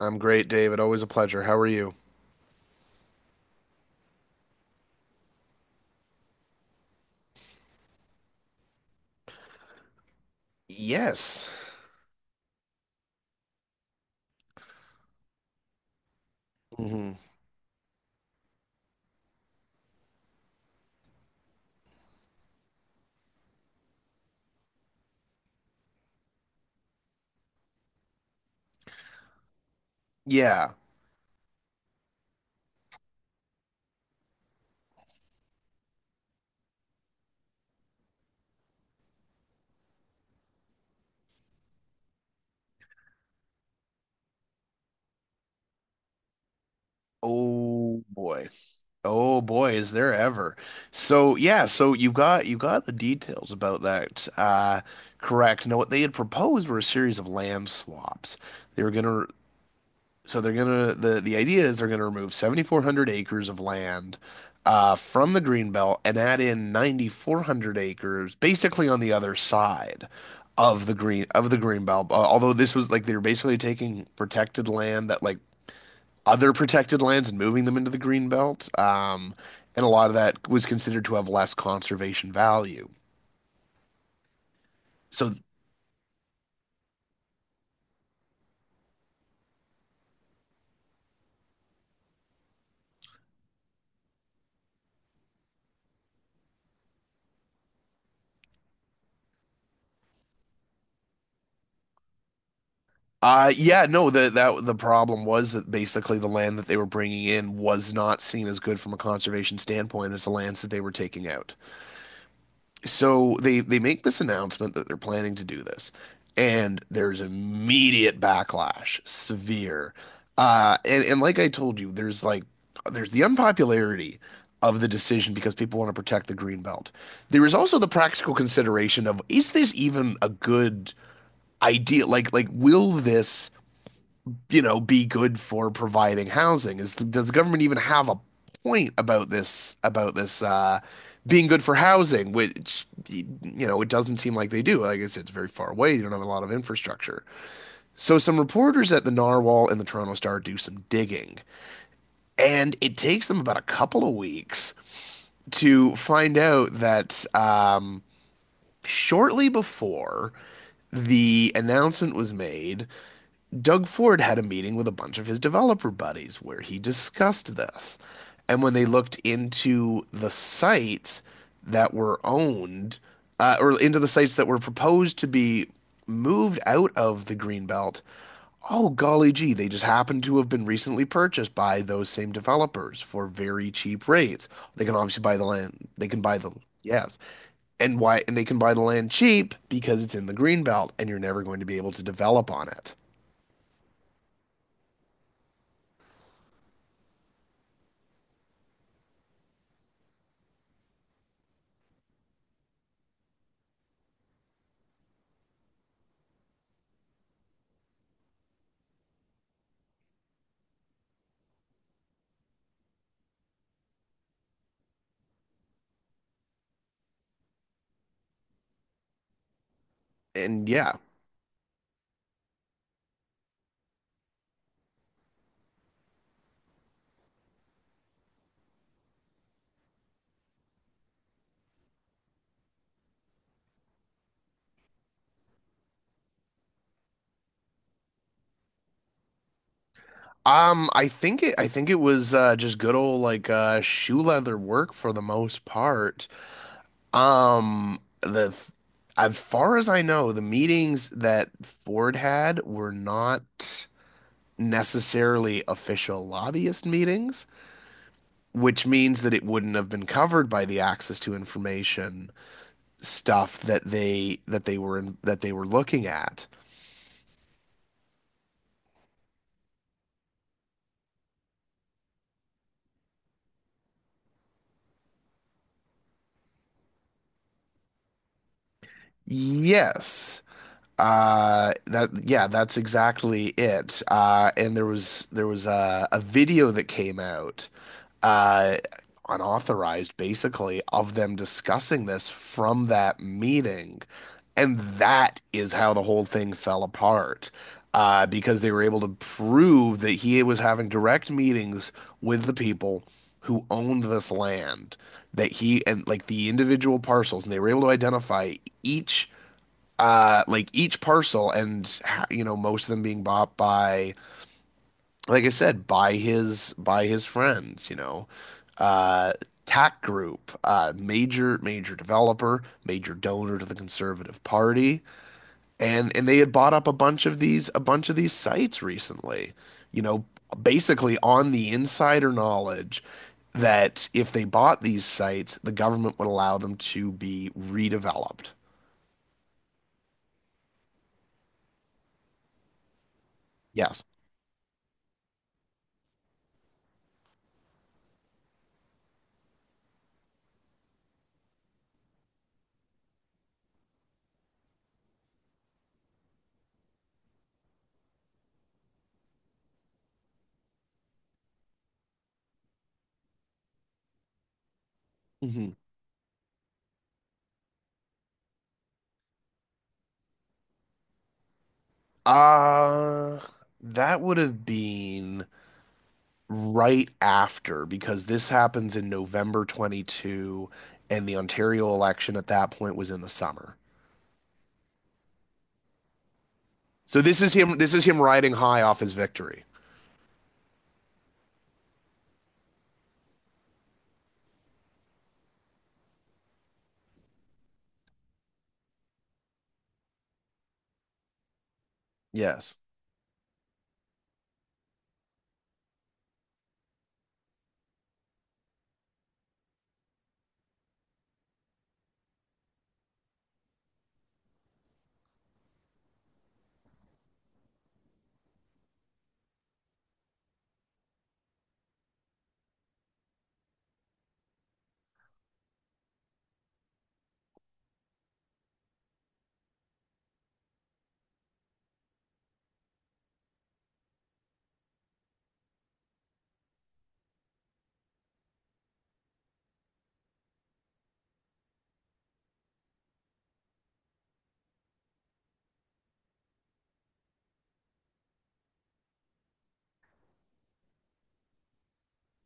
I'm great, David. Always a pleasure. How are you? Yes. Hmm. Yeah. Oh boy. Oh boy, is there ever. So you got the details about that, correct. Now what they had proposed were a series of land swaps. They were gonna so they're gonna the idea is they're gonna remove 7,400 acres of land, from the green belt, and add in 9,400 acres, basically on the other side of the green belt. Although, this was like they were basically taking protected land that, like, other protected lands and moving them into the green belt, and a lot of that was considered to have less conservation value. So yeah, no, the problem was that basically the land that they were bringing in was not seen as good from a conservation standpoint as the lands that they were taking out. So they make this announcement that they're planning to do this, and there's immediate backlash, severe. And like I told you, there's like there's the unpopularity of the decision because people want to protect the green belt. There is also the practical consideration of, is this even a good idea? Like, will this, you know, be good for providing housing? Is Does the government even have a point about this being good for housing? Which, you know, it doesn't seem like they do. Like I said, it's very far away. You don't have a lot of infrastructure. So some reporters at the Narwhal and the Toronto Star do some digging, and it takes them about a couple of weeks to find out that shortly before the announcement was made, Doug Ford had a meeting with a bunch of his developer buddies where he discussed this. And when they looked into the sites that were owned, or into the sites that were proposed to be moved out of the Greenbelt, oh, golly gee, they just happened to have been recently purchased by those same developers for very cheap rates. They can obviously buy the land, they can buy the— yes. And why, and they can buy the land cheap because it's in the Greenbelt and you're never going to be able to develop on it. And yeah. I think it was just good old like shoe leather work for the most part. The As far as I know, the meetings that Ford had were not necessarily official lobbyist meetings, which means that it wouldn't have been covered by the access to information stuff that they were looking at. Yes. That, yeah, that's exactly it. And there was a video that came out, uh, unauthorized basically, of them discussing this from that meeting, and that is how the whole thing fell apart. Because they were able to prove that he was having direct meetings with the people who owned this land, that he— and like the individual parcels, and they were able to identify each, like each parcel, and, you know, most of them being bought by, like I said, by his friends, you know, uh TAC Group, major, major developer, major donor to the Conservative Party. And they had bought up a bunch of these sites recently, you know, basically on the insider knowledge that if they bought these sites, the government would allow them to be redeveloped. Yes. Hmm. Uh, that would have been right after, because this happens in November 22 and the Ontario election at that point was in the summer. So this is him, riding high off his victory. Yes.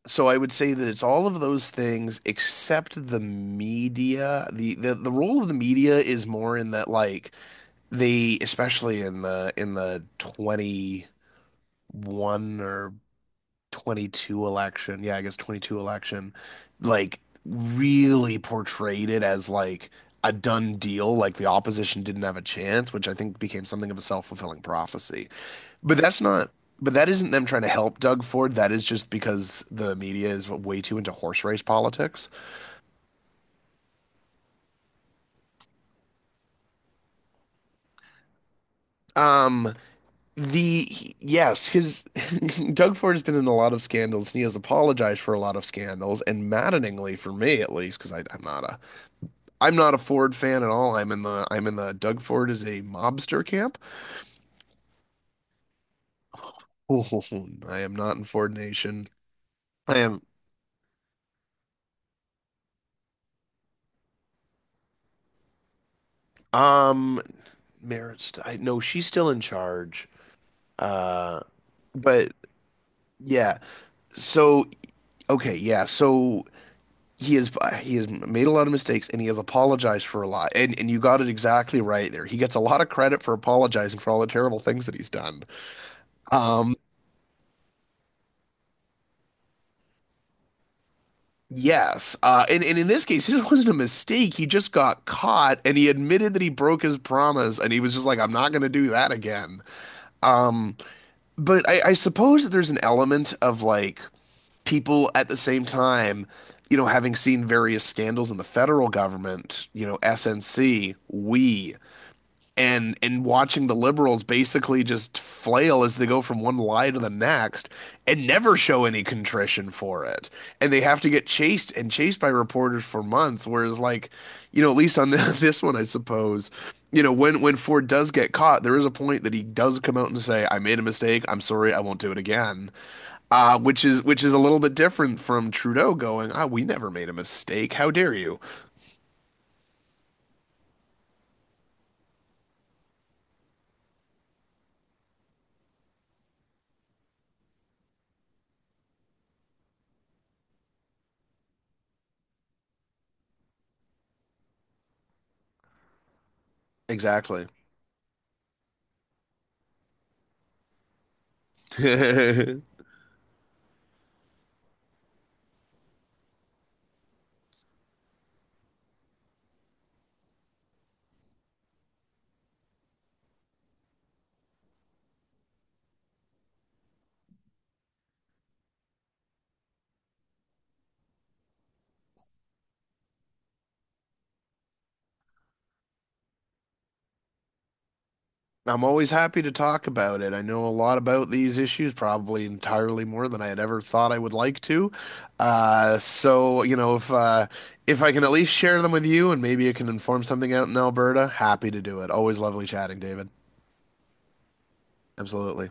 So I would say that it's all of those things except the media. The role of the media is more in that, like, they, especially in the 21 or 22 election— yeah, I guess 22 election— like, really portrayed it as like a done deal, like the opposition didn't have a chance, which I think became something of a self-fulfilling prophecy. But that's not but that isn't them trying to help Doug Ford. That is just because the media is way too into horse race politics. Um, the Yes, his Doug Ford has been in a lot of scandals and he has apologized for a lot of scandals. And maddeningly for me, at least, because I'm not a Ford fan at all. I'm in the, I'm in the, Doug Ford is a mobster camp. I am not in Ford Nation. I am um Maris. I— no, she's still in charge. Uh, but yeah. So okay, yeah. So he has he has made a lot of mistakes and he has apologized for a lot. And you got it exactly right there. He gets a lot of credit for apologizing for all the terrible things that he's done. Um, Yes. And in this case, it wasn't a mistake. He just got caught and he admitted that he broke his promise and he was just like, I'm not going to do that again. Um, but I suppose that there's an element of like people at the same time, you know, having seen various scandals in the federal government, you know, SNC, we, and watching the liberals basically just flail as they go from one lie to the next and never show any contrition for it and they have to get chased and chased by reporters for months, whereas like, you know, at least on this one, I suppose, you know, when Ford does get caught, there is a point that he does come out and say, I made a mistake, I'm sorry, I won't do it again. Which is a little bit different from Trudeau going, ah, we never made a mistake, how dare you. Exactly. I'm always happy to talk about it. I know a lot about these issues, probably entirely more than I had ever thought I would like to. So, you know, if I can at least share them with you and maybe it can inform something out in Alberta, happy to do it. Always lovely chatting, David. Absolutely.